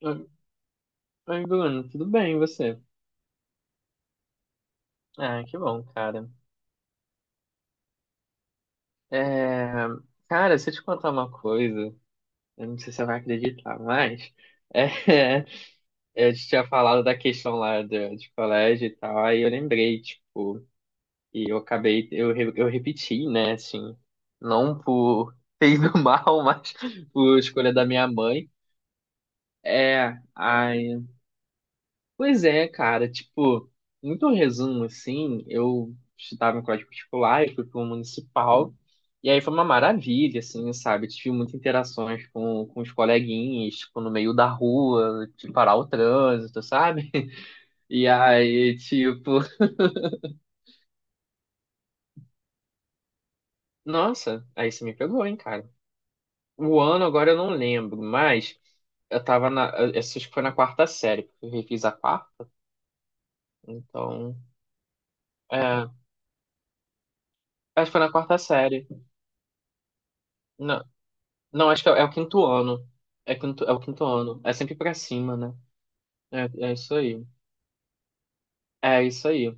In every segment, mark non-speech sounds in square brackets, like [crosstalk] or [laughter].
Oi, oi, Bruno, tudo bem, e você? Ah, que bom, cara. É, cara, se eu te contar uma coisa, eu não sei se você vai acreditar, mas é, [laughs] eu te tinha falado da questão lá do, de colégio e tal, aí eu lembrei, tipo, e eu acabei, eu repeti, né, assim, não por fez do [laughs] mal, mas por escolha da minha mãe. É, aí pois é, cara, tipo, muito resumo assim, eu estudava em colégio particular, eu fui para um municipal, e aí foi uma maravilha, assim, sabe? Tive muitas interações com os coleguinhas, tipo, no meio da rua, de parar o trânsito, sabe? [laughs] E aí, tipo, nossa, aí você me pegou, hein, cara. O ano agora eu não lembro, mas eu tava na, eu acho que foi na quarta série, porque eu refiz a quarta, então, é, acho que foi na quarta série. Não, acho que é, é o quinto ano. É, quinto, é o quinto ano. É sempre pra cima, né? É, é isso aí. É isso aí.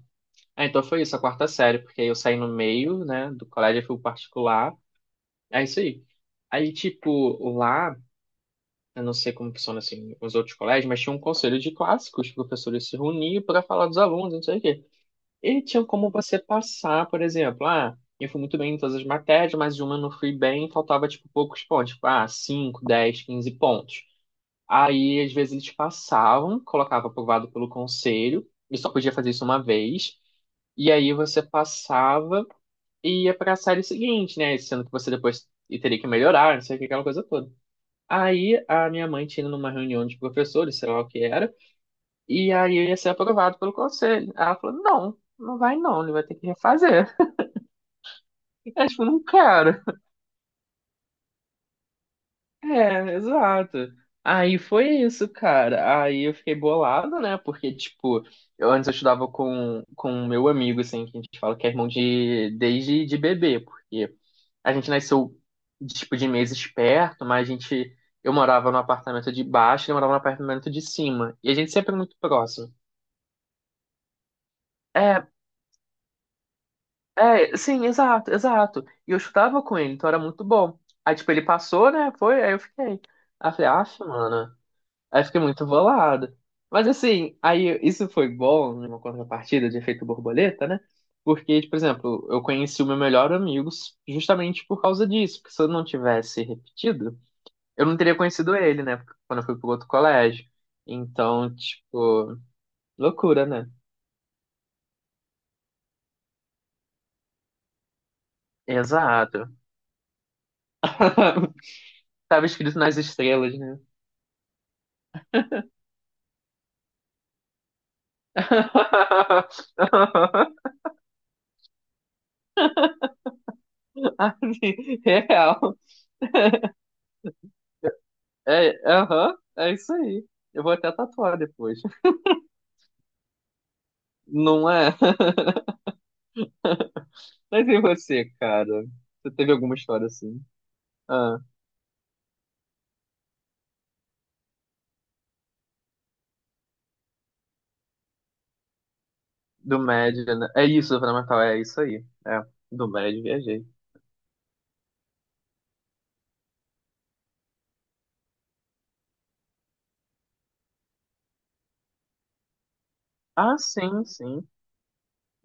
É, então foi isso, a quarta série, porque aí eu saí no meio, né, do colégio, eu fui pro particular. É isso aí. Aí, tipo, lá, eu não sei como funciona, assim, os outros colégios, mas tinha um conselho de classe que os professores se reuniam para falar dos alunos, não sei o quê. E tinha como você passar, por exemplo, ah, eu fui muito bem em todas as matérias, mas uma eu não fui bem, faltava, tipo, poucos pontos, tipo, ah, 5, 10, 15 pontos. Aí, às vezes, eles passavam, colocava aprovado pelo conselho, e só podia fazer isso uma vez. E aí você passava e ia pra série seguinte, né? Sendo que você depois teria que melhorar, não sei o que, aquela coisa toda. Aí a minha mãe tinha ido numa reunião de professores, sei lá o que era, e aí eu ia ser aprovado pelo conselho. Ela falou: não, não vai não, ele vai ter que refazer. [laughs] Eu, tipo, não quero. É, exato. Aí foi isso, cara. Aí eu fiquei bolado, né? Porque, tipo, eu antes eu estudava com um meu amigo, assim, que a gente fala que é irmão de, desde de bebê, porque a gente nasceu, tipo, de meses perto, mas a gente, eu morava no apartamento de baixo, ele morava no apartamento de cima. E a gente sempre é muito próximo. É, é, sim, exato, exato. E eu estudava com ele, então era muito bom. Aí, tipo, ele passou, né? Foi, aí eu fiquei. Aí eu falei, aff, mano. Aí eu fiquei muito bolado. Mas assim, aí isso foi bom numa contrapartida de efeito borboleta, né? Porque, tipo, por exemplo, eu conheci o meu melhor amigo justamente por causa disso. Porque se eu não tivesse repetido, eu não teria conhecido ele, né? Quando eu fui pro outro colégio. Então, tipo, loucura, né? Exato. [laughs] Tava escrito nas estrelas, né? [laughs] Assim, real. É, aham, é isso aí. Eu vou até tatuar depois. Não é? [laughs] Mas e você, cara? Você teve alguma história assim? Ah, do médio, né? É isso, Fernando Natal, é isso aí. É, do médio viajei. Ah, sim, sim.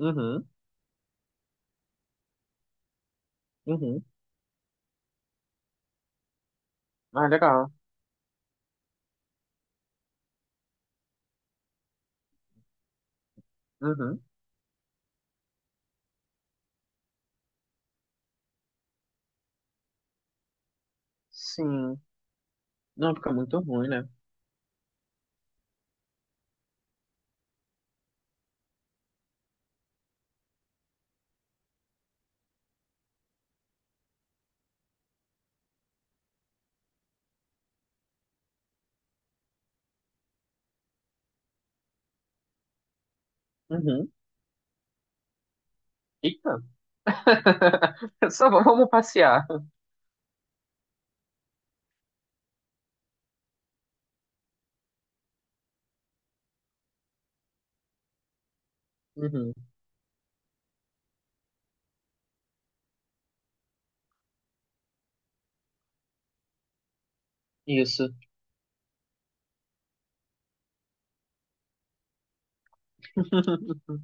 Uhum, uhum. Ah, legal. Uhum, sim. Não, fica muito ruim, né? Uhum. Eita. [laughs] Só vamos passear. Uhum. Isso. [laughs]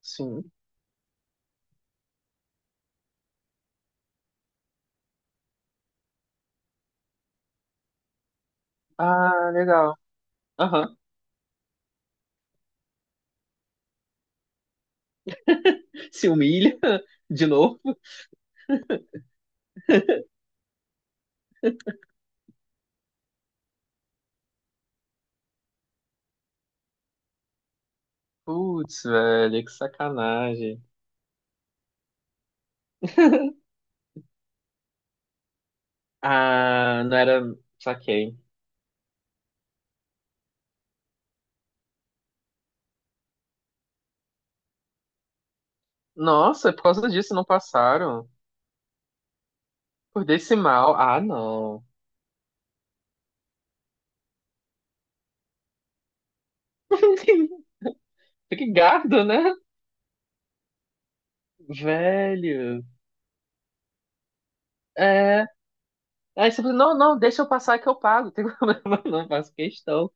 Sim. Ah, legal. Aham. Se humilha [laughs] de novo. Putz, velho, que sacanagem. [laughs] Ah, não era. Saquei. Nossa, por causa disso não passaram. Por decimal. Ah, não. [laughs] Que gado, né? Velho. É. Aí você fala, não, não, deixa eu passar que eu pago. Tem problema, [laughs] não faço questão.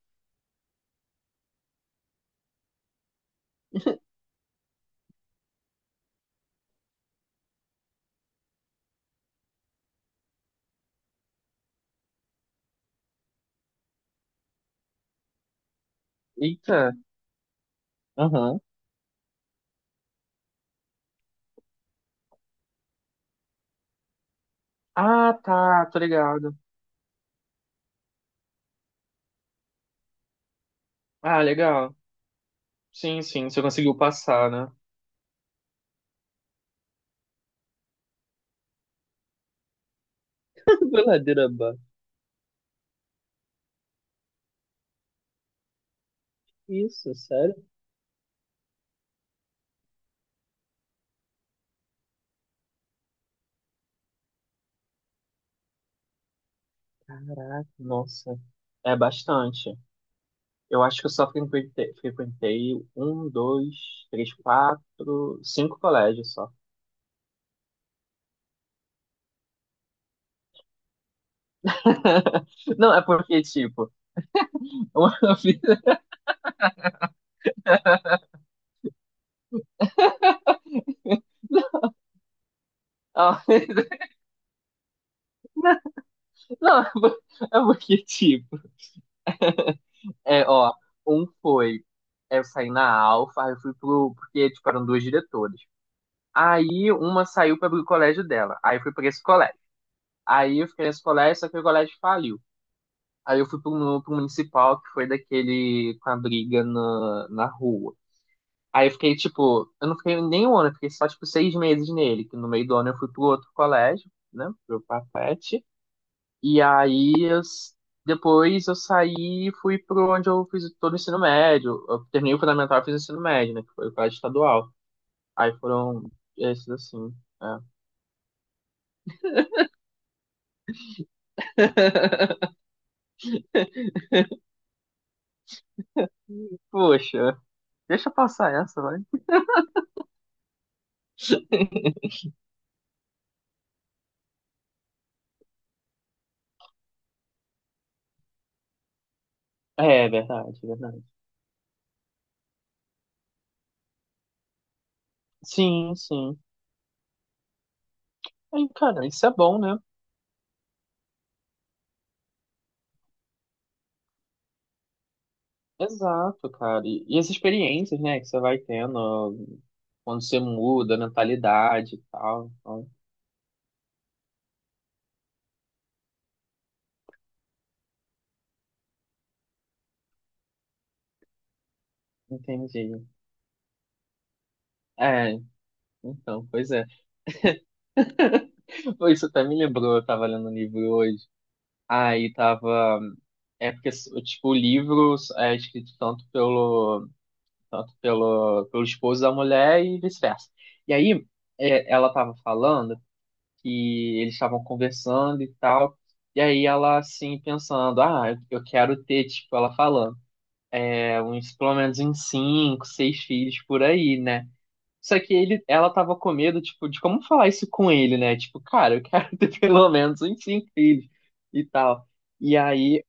Eita. Aham. Ah, tá, tô ligado. Ah, legal. Sim, sim, você conseguiu passar, né? [laughs] Ladeira abaixo. Isso, sério? Nossa. É bastante. Eu acho que eu só frequentei, frequentei um, dois, três, quatro, cinco colégios só. [laughs] Não, é porque, tipo, uma [laughs] vida. Ó, [laughs] não, é por- é porque, tipo, é, ó, um foi. É, eu saí na Alfa, aí eu fui pro. Porque, tipo, eram duas diretoras. Aí uma saiu para o colégio dela. Aí eu fui pra esse colégio. Aí eu fiquei nesse colégio, só que o colégio faliu. Aí eu fui pro, mu- pro municipal, que foi daquele com a briga na rua. Aí eu fiquei, tipo, eu não fiquei nem um ano, eu fiquei só, tipo, 6 meses nele, que no meio do ano eu fui pro outro colégio, né, pro Papete, e aí eu depois eu saí e fui pro onde eu fiz todo o ensino médio, eu terminei o fundamental e fiz o ensino médio, né, que foi o colégio estadual. Aí foram esses assim, é. [laughs] Poxa, deixa eu passar essa, vai. [laughs] É, verdade, verdade. Sim, sim. Aí, cara, isso é bom, né? Exato, cara. E as experiências, né, que você vai tendo ó, quando você muda, a mentalidade e tal. Então, entendi. É, então, pois é. Pô, isso até me lembrou, eu tava lendo um livro hoje. Aí tava. É porque, tipo, o livro é escrito pelo esposo da mulher e vice-versa. E aí, ela tava falando que eles estavam conversando e tal. E aí ela, assim, pensando, ah, eu quero ter, tipo, ela falando uns, pelo menos uns cinco, seis filhos por aí, né? Só que ele, ela tava com medo, tipo, de como falar isso com ele, né? Tipo, cara, eu quero [laughs] ter pelo menos uns cinco filhos e tal. E aí,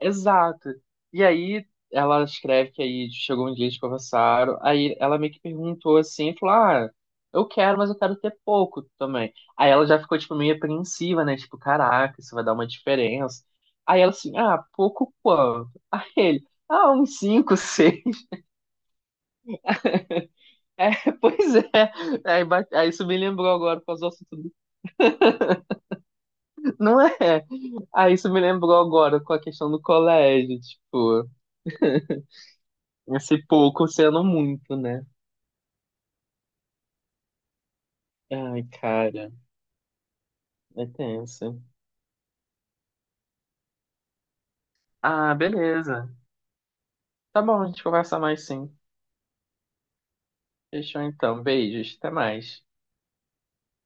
exato. E aí ela escreve que aí chegou um dia, eles conversaram, aí ela meio que perguntou assim, falou, ah, eu quero, mas eu quero ter pouco também. Aí ela já ficou, tipo, meio apreensiva, né? Tipo, caraca, isso vai dar uma diferença. Aí ela assim, ah, pouco quanto? [laughs] Aí ele, ah, uns cinco, [laughs] seis. É, [laughs] pois é. É, aí, aí isso me lembrou agora com as assunto do... Não é? Aí isso me lembrou agora com a questão do colégio, tipo, [laughs] esse pouco sendo muito, né? Ai, cara, é tenso. Ah, beleza. Tá bom, a gente conversa mais sim. Fechou então. Beijos, até mais.